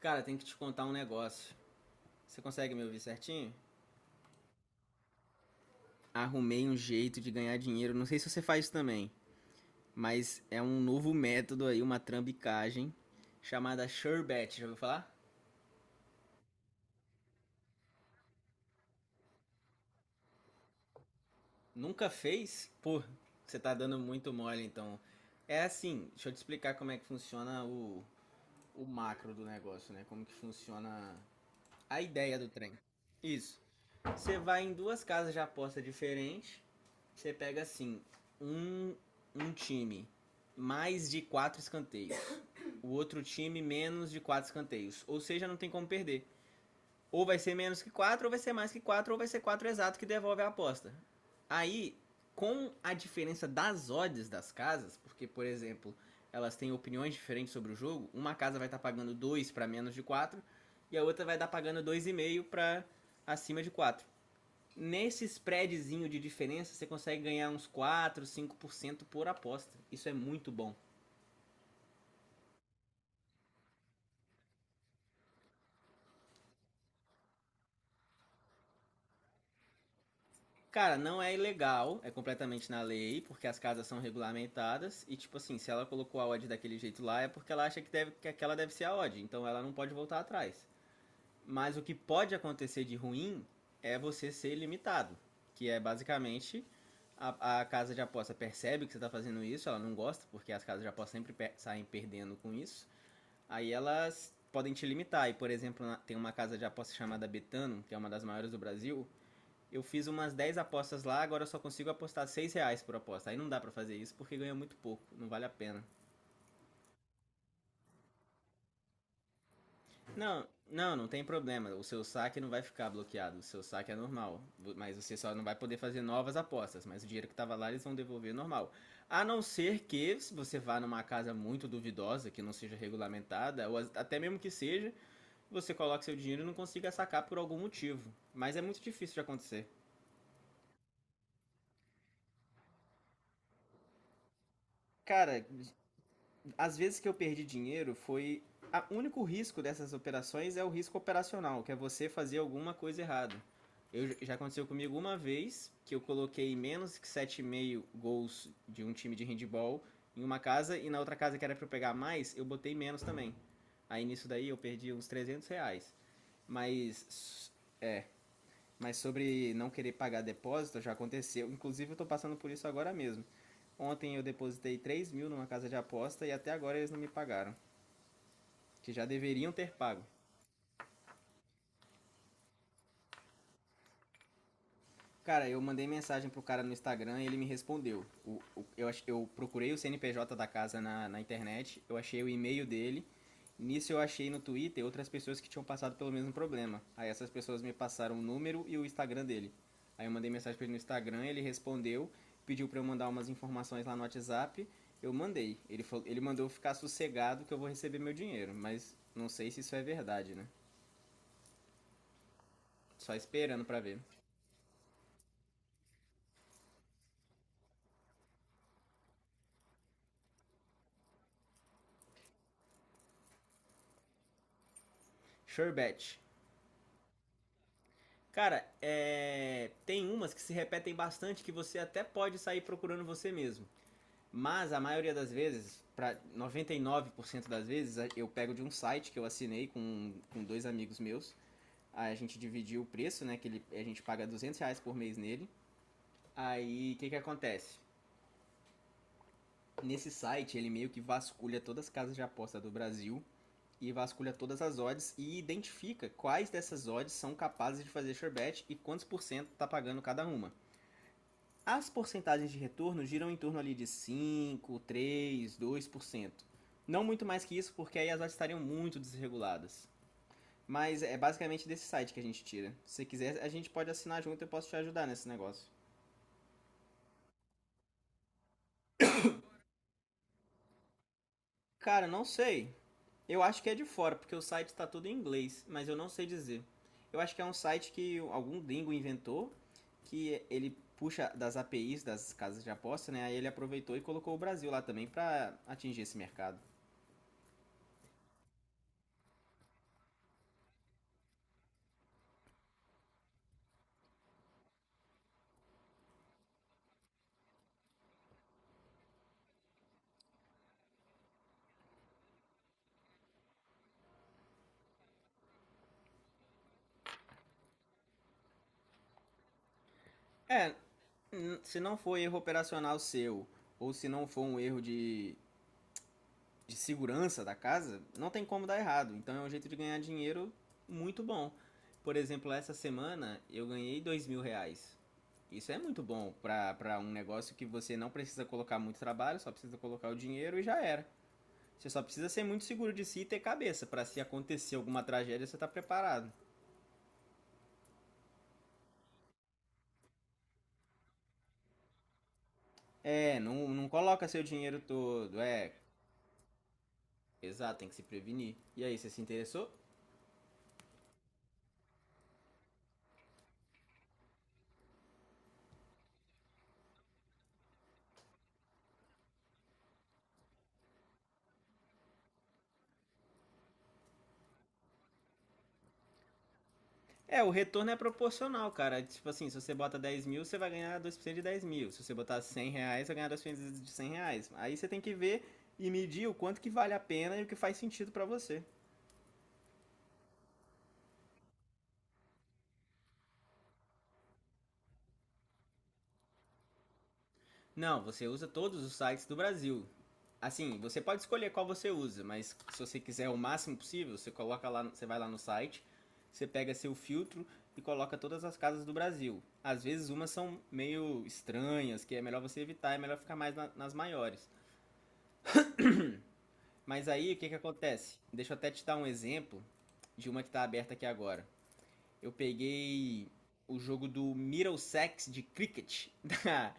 Cara, tem que te contar um negócio. Você consegue me ouvir certinho? Arrumei um jeito de ganhar dinheiro. Não sei se você faz também, mas é um novo método aí, uma trambicagem chamada SureBet. Já ouviu falar? Nunca fez? Pô, você tá dando muito mole então. É assim, deixa eu te explicar como é que funciona o macro do negócio, né? Como que funciona a ideia do trem. Isso. Você vai em duas casas de aposta diferentes. Você pega assim, um, um time mais de quatro escanteios. O outro time menos de quatro escanteios. Ou seja, não tem como perder. Ou vai ser menos que quatro, ou vai ser mais que quatro, ou vai ser quatro exato que devolve a aposta. Aí, com a diferença das odds das casas, porque, por exemplo, elas têm opiniões diferentes sobre o jogo, uma casa vai estar tá pagando 2 para menos de 4, e a outra vai estar tá pagando 2,5 para acima de 4 nesse spreadzinho de diferença, você consegue ganhar uns 4, 5% por cento por aposta. Isso é muito bom. Cara, não é ilegal, é completamente na lei, porque as casas são regulamentadas e tipo assim, se ela colocou a odd daquele jeito lá é porque ela acha que deve que aquela deve ser a odd, então ela não pode voltar atrás. Mas o que pode acontecer de ruim é você ser limitado, que é basicamente a casa de aposta percebe que você está fazendo isso, ela não gosta, porque as casas de aposta sempre per saem perdendo com isso. Aí elas podem te limitar. E, por exemplo, tem uma casa de aposta chamada Betano, que é uma das maiores do Brasil. Eu fiz umas 10 apostas lá, agora eu só consigo apostar R$ 6 por aposta. Aí não dá pra fazer isso porque ganha muito pouco, não vale a pena. Não, não, não tem problema. O seu saque não vai ficar bloqueado, o seu saque é normal. Mas você só não vai poder fazer novas apostas. Mas o dinheiro que tava lá eles vão devolver normal. A não ser que se você vá numa casa muito duvidosa, que não seja regulamentada, ou até mesmo que seja, você coloca seu dinheiro e não consiga sacar por algum motivo. Mas é muito difícil de acontecer. Cara, as vezes que eu perdi dinheiro foi. O único risco dessas operações é o risco operacional, que é você fazer alguma coisa errada. Já aconteceu comigo uma vez que eu coloquei menos que 7,5 gols de um time de handball em uma casa e na outra casa que era para eu pegar mais, eu botei menos também. Aí nisso daí eu perdi uns R$ 300. Mas Mas sobre não querer pagar depósito, já aconteceu. Inclusive, eu estou passando por isso agora mesmo. Ontem eu depositei 3 mil numa casa de aposta e até agora eles não me pagaram. Que já deveriam ter pago. Cara, eu mandei mensagem pro cara no Instagram e ele me respondeu. Eu procurei o CNPJ da casa na internet, eu achei o e-mail dele. Nisso eu achei no Twitter outras pessoas que tinham passado pelo mesmo problema. Aí essas pessoas me passaram o número e o Instagram dele. Aí eu mandei mensagem pra ele no Instagram, ele respondeu, pediu pra eu mandar umas informações lá no WhatsApp. Eu mandei. Ele mandou eu ficar sossegado que eu vou receber meu dinheiro, mas não sei se isso é verdade, né? Só esperando pra ver. Sherbet. Cara, tem umas que se repetem bastante que você até pode sair procurando você mesmo. Mas a maioria das vezes, para cento das vezes, eu pego de um site que eu assinei com dois amigos meus. Aí a gente dividiu o preço, né? Que ele, a gente paga R$ 200 por mês nele. Aí o que, que acontece? Nesse site ele meio que vasculha todas as casas de aposta do Brasil e vasculha todas as odds e identifica quais dessas odds são capazes de fazer sure bet e quantos por cento tá pagando cada uma. As porcentagens de retorno giram em torno ali de 5%, 3%, 2%. Não muito mais que isso, porque aí as odds estariam muito desreguladas. Mas é basicamente desse site que a gente tira. Se você quiser, a gente pode assinar junto, e eu posso te ajudar nesse negócio. Cara, não sei. Eu acho que é de fora, porque o site está todo em inglês, mas eu não sei dizer. Eu acho que é um site que algum gringo inventou, que ele puxa das APIs das casas de aposta, né? Aí ele aproveitou e colocou o Brasil lá também para atingir esse mercado. É, se não for erro operacional seu, ou se não for um erro de segurança da casa, não tem como dar errado. Então é um jeito de ganhar dinheiro muito bom. Por exemplo, essa semana eu ganhei R$ 2 mil. Isso é muito bom para um negócio que você não precisa colocar muito trabalho, só precisa colocar o dinheiro e já era. Você só precisa ser muito seguro de si e ter cabeça para se acontecer alguma tragédia você tá preparado. É, não, não coloca seu dinheiro todo, é. Exato, tem que se prevenir. E aí, você se interessou? É, o retorno é proporcional, cara. Tipo assim, se você bota 10 mil, você vai ganhar 2% de 10 mil. Se você botar R$ 100, você vai ganhar 2% de R$ 100. Aí você tem que ver e medir o quanto que vale a pena e o que faz sentido pra você. Não, você usa todos os sites do Brasil. Assim, você pode escolher qual você usa, mas se você quiser o máximo possível, você coloca lá, você vai lá no site, você pega seu filtro e coloca todas as casas do Brasil. Às vezes umas são meio estranhas, que é melhor você evitar, é melhor ficar mais nas maiores. Mas aí, o que que acontece? Deixa eu até te dar um exemplo de uma que tá aberta aqui agora. Eu peguei o jogo do Middlesex de cricket da,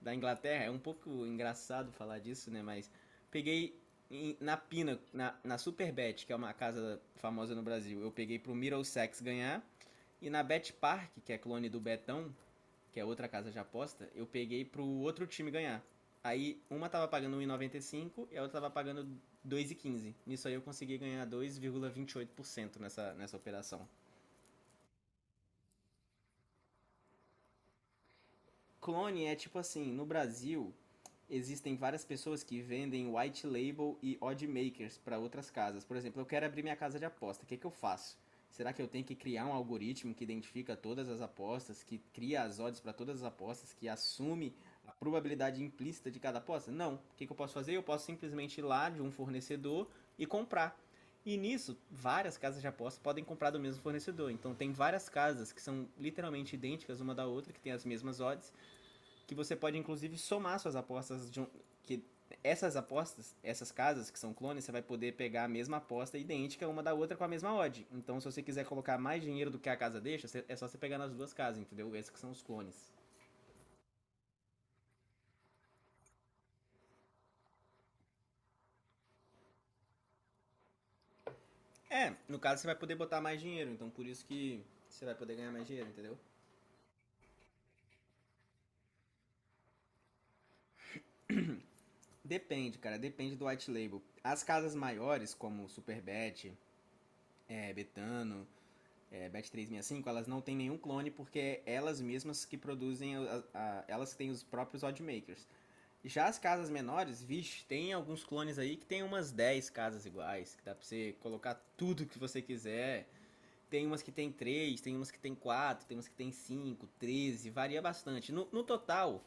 da Inglaterra. É um pouco engraçado falar disso, né? Mas peguei na Pina, na Superbet, que é uma casa famosa no Brasil. Eu peguei pro Middlesex ganhar. E na Bet Park, que é clone do Betão, que é outra casa de aposta, eu peguei pro outro time ganhar. Aí uma tava pagando 1,95 e noventa e cinco centavos e a outra tava pagando 2,15. Nisso aí eu consegui ganhar 2,28% nessa operação. Clone é tipo assim, no Brasil existem várias pessoas que vendem white label e odd makers para outras casas. Por exemplo, eu quero abrir minha casa de aposta, o que, que eu faço? Será que eu tenho que criar um algoritmo que identifica todas as apostas, que cria as odds para todas as apostas, que assume a probabilidade implícita de cada aposta? Não. O que, que eu posso fazer? Eu posso simplesmente ir lá de um fornecedor e comprar. E nisso, várias casas de aposta podem comprar do mesmo fornecedor. Então, tem várias casas que são literalmente idênticas uma da outra, que têm as mesmas odds, que você pode inclusive somar suas apostas de um, que essas apostas, essas casas que são clones, você vai poder pegar a mesma aposta idêntica uma da outra com a mesma odd. Então, se você quiser colocar mais dinheiro do que a casa deixa, é só você pegar nas duas casas, entendeu? Esses que são os clones. É, no caso você vai poder botar mais dinheiro, então por isso que você vai poder ganhar mais dinheiro, entendeu? Depende, cara, depende do white label. As casas maiores, como Superbet, Betano, Bet365, elas não têm nenhum clone porque é elas mesmas que produzem, elas que têm os próprios oddmakers. Já as casas menores, vixe, tem alguns clones aí que tem umas 10 casas iguais, que dá pra você colocar tudo que você quiser. Tem umas que tem 3 tem umas que tem 4 tem umas que tem 5 13 varia bastante. No total,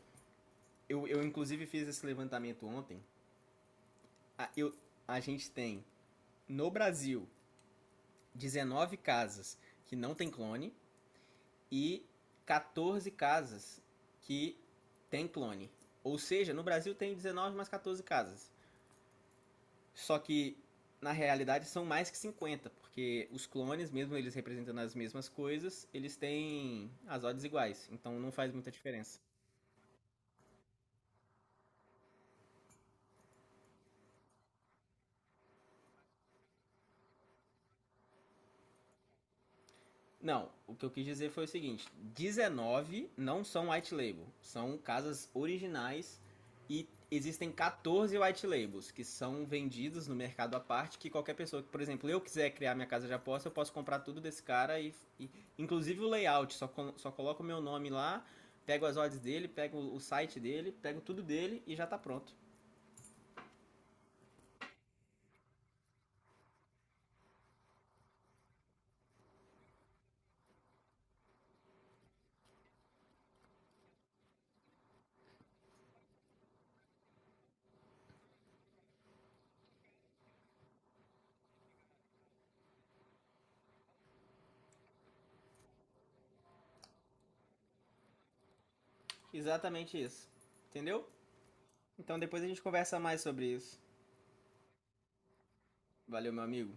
eu inclusive fiz esse levantamento ontem, a, eu, a gente tem no Brasil 19 casas que não tem clone, e 14 casas que tem clone. Ou seja, no Brasil tem 19 mais 14 casas. Só que na realidade são mais que 50, porque os clones, mesmo eles representando as mesmas coisas, eles têm as odds iguais, então não faz muita diferença. Não, o que eu quis dizer foi o seguinte: 19 não são white label, são casas originais e existem 14 white labels que são vendidos no mercado à parte. Que qualquer pessoa que, por exemplo, eu quiser criar minha casa de aposta, eu posso comprar tudo desse cara e inclusive o layout, só coloco o meu nome lá, pego as odds dele, pego o site dele, pego tudo dele e já tá pronto. Exatamente isso, entendeu? Então depois a gente conversa mais sobre isso. Valeu, meu amigo.